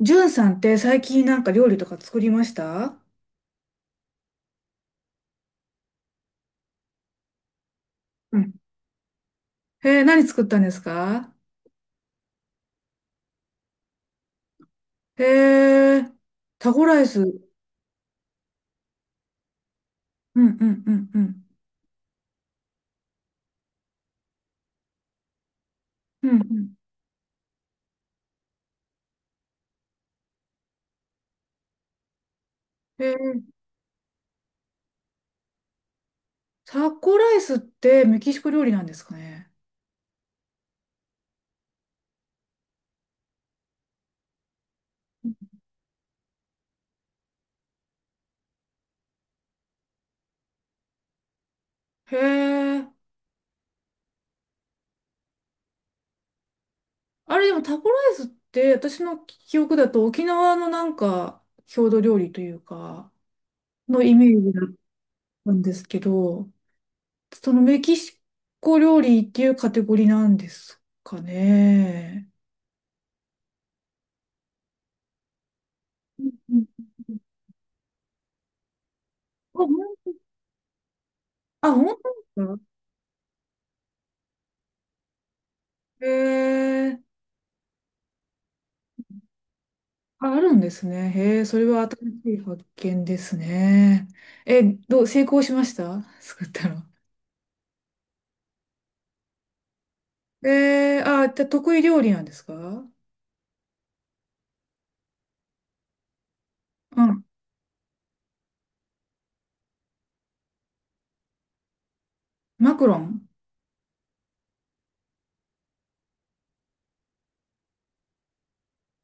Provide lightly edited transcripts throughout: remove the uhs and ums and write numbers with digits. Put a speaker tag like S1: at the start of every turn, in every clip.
S1: ジュンさんって最近なんか料理とか作りました？うん。へえ、何作ったんですか？へえ、タコライス。うん。うんうんうん。うんうん。へえ、タコライスってメキシコ料理なんですかね？へえ、あれでもタコライスって私の記憶だと沖縄のなんか郷土料理というかのイメージだったんですけど、そのメキシコ料理っていうカテゴリーなんですかね？うんうん。あ、本当ですか？へえ、あ、あるんですね。へえ、それは新しい発見ですね。え、どう、成功しました、作ったの？あ、じゃあ得意料理なんですか？うん。マクロン？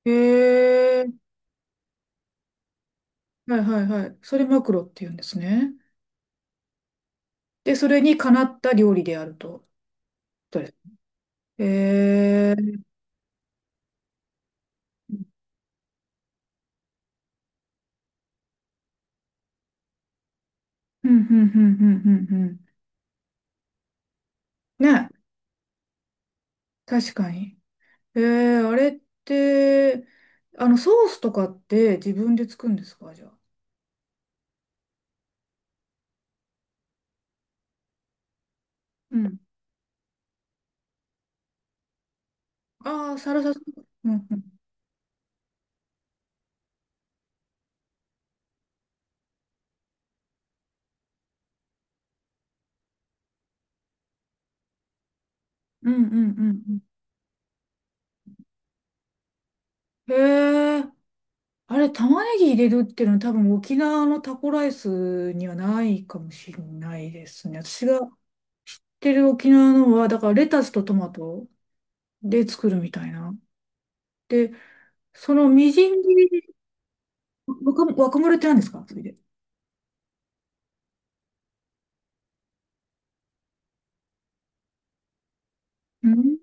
S1: へえ。はいはいはい。それマクロって言うんですね。で、それにかなった料理であると。どうです？へえ。うんうんうんうんうんうん。ね、確かに。あれって、ソースとかって自分で作るんですか、じゃあ。うん。ああ、サラサ、うんうん。うんうんうんうん。へえ、あれ、玉ねぎ入れるっていうのは多分沖縄のタコライスにはないかもしれないですね。私が知ってる沖縄のは、だからレタスとトマトで作るみたいな。で、そのみじん切り。若むらって何ですかそれで？うん。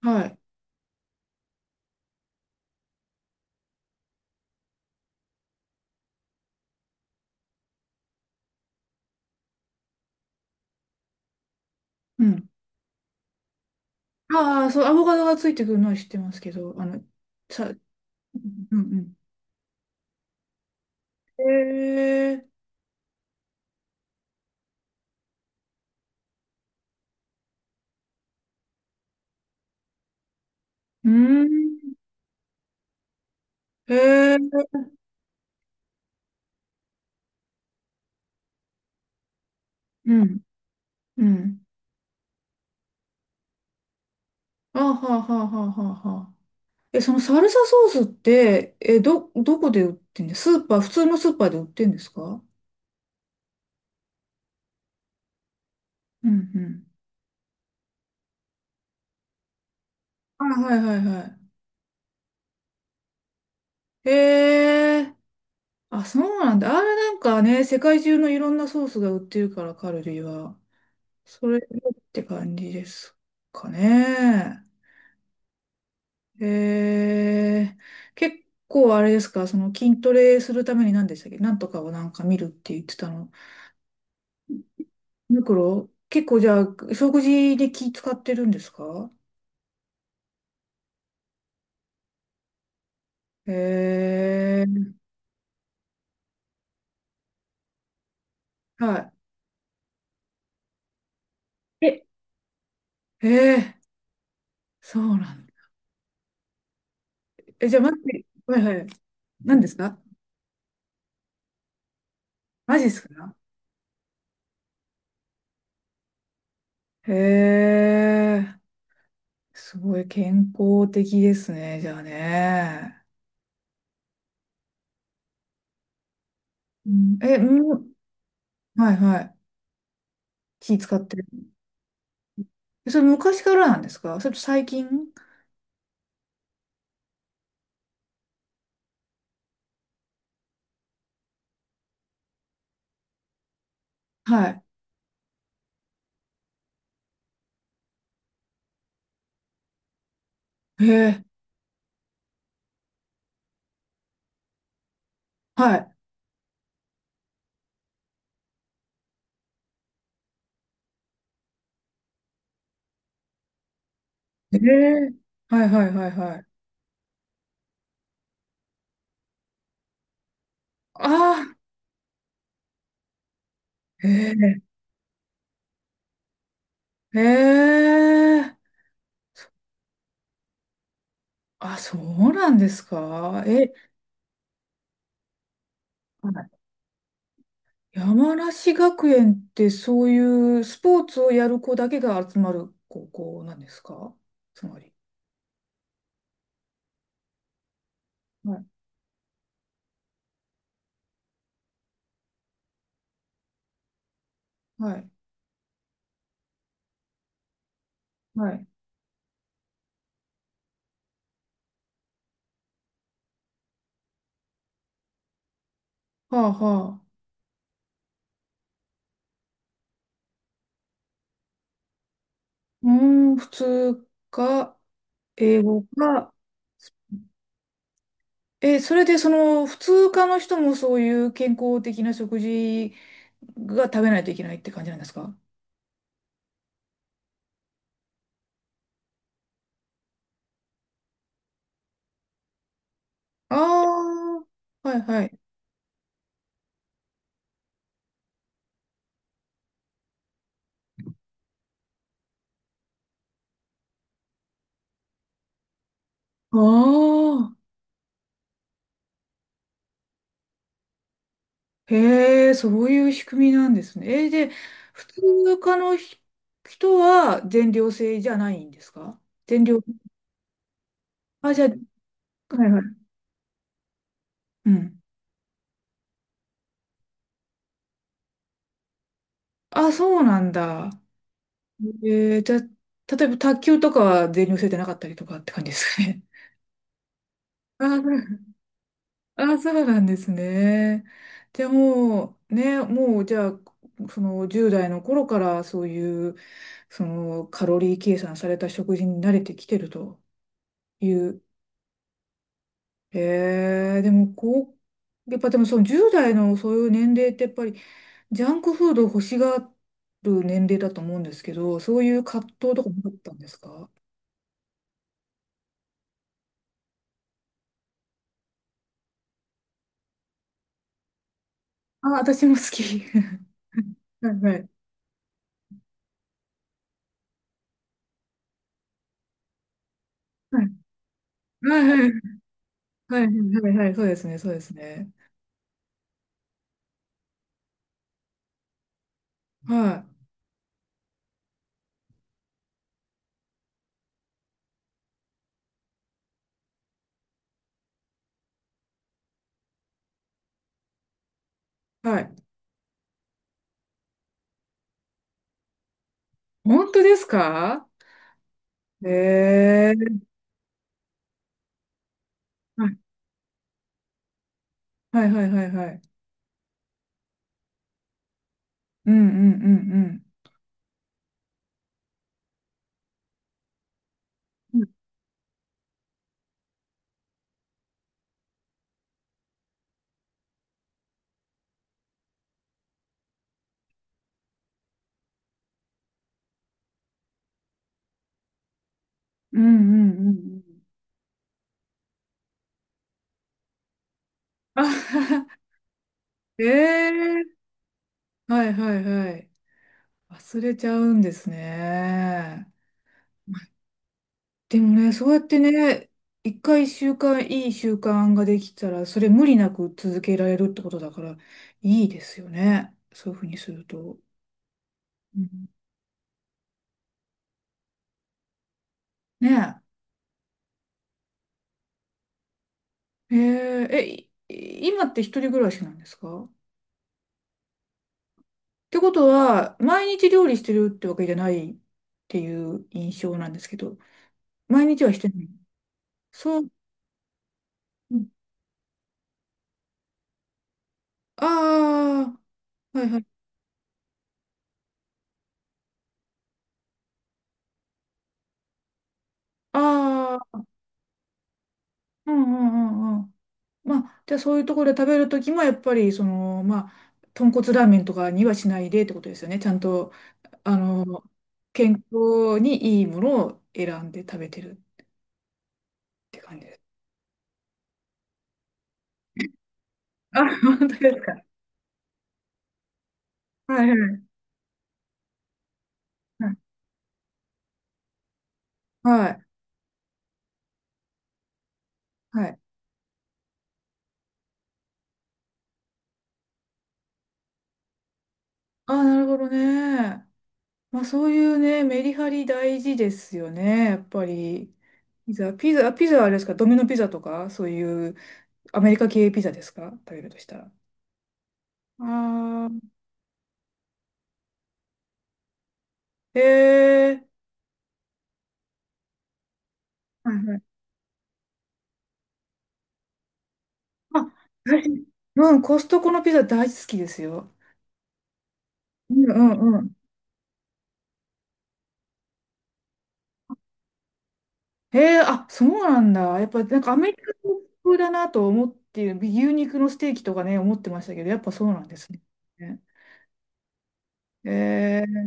S1: はい。うん。ああ、そう、アボカドがついてくるのは知ってますけど、うんうん。へえ、うん、へえ、うん、うん。あはあはあはあはあはあ。え、そのサルサソースって、どこで売ってんです？スーパー、普通のスーパーで売ってんですか？うんうん。あ、はいはいはい。へえ。あ、そうなんだ。あれなんかね、世界中のいろんなソースが売ってるから、カルディは。それって感じですかね？結構あれですか、その筋トレするために何でしたっけ、なんとかをなんか見るって言ってたの。ミクロ？結構じゃあ、食事で気使ってるんですか？えー、はい。え、えー、そうなんだ。え、じゃあ、マジ、はいはい。何ですか？マジですか？へえ。すごい健康的ですね、じゃあね。うんえ、うん、はいはい。気使ってる。それ昔からなんですか？それと最近？はい。へえ、はい。へえ、はいはいはいはい。ああ、へえ、へえ。あ、そうなんですか。え、はい。山梨学園ってそういうスポーツをやる子だけが集まる高校なんですか、つまり？はい、はい、はい。はあはあ。うーん、普通か、英語か。え、それでその普通科の人もそういう健康的な食事が食べないといけないって感じなんですか？ああー、はいはい。ああ、へえ、そういう仕組みなんですね。で、普通科の人は全寮制じゃないんですか？全寮。あ、じゃあ。はいはい。うん。あ、そうなんだ。じゃあ、例えば卓球とかは全寮制でなかったりとかって感じですかね？あー、はい。あ、そうなんですね。でもう、ね、もうじゃあ、その10代の頃からそういう、そのカロリー計算された食事に慣れてきてるという。でもこう、やっぱでもその10代のそういう年齢ってやっぱりジャンクフードを欲しがる年齢だと思うんですけど、そういう葛藤とかもあったんですか？あ、私も好き。はいはい。はいはいはいはいはいはいはいそうですねそうですね。はい。はい。本当ですか？へえー。はいはいはいはいはい。うんうんうんうん。うん。うんうんうんうん。あははええーはいはいはい。忘れちゃうんですね。でもね、そうやってね、一回習慣、いい習慣ができたら、それ無理なく続けられるってことだから、いいですよね。そういうふうにすると。うん、ねえ。今って一人暮らしなんですか？ってことは、毎日料理してるってわけじゃないっていう印象なんですけど、毎日はしてない？そう。ああー、はいはい。ああ、うんうんうんうん。まあ、じゃあそういうところで食べるときも、やっぱり、その、まあ、豚骨ラーメンとかにはしないでってことですよね。ちゃんと、あの、健康にいいものを選んで食べてるって感じです。あ、本当ですか？はいはい。はい。はい。はい。ああ、なるほどね。まあそういうね、メリハリ大事ですよね、やっぱり。ピザはあれですか、ドミノピザとか、そういうアメリカ系ピザですか、食べるとしたら。ああ、へえ。はいはい。あ、私 うん、コストコのピザ大好きですよ。うんうんうん。へえ、あ、そうなんだ。やっぱなんかアメリカ風だなと思っている、牛肉のステーキとかね、思ってましたけど、やっぱそうなんですね。へえ。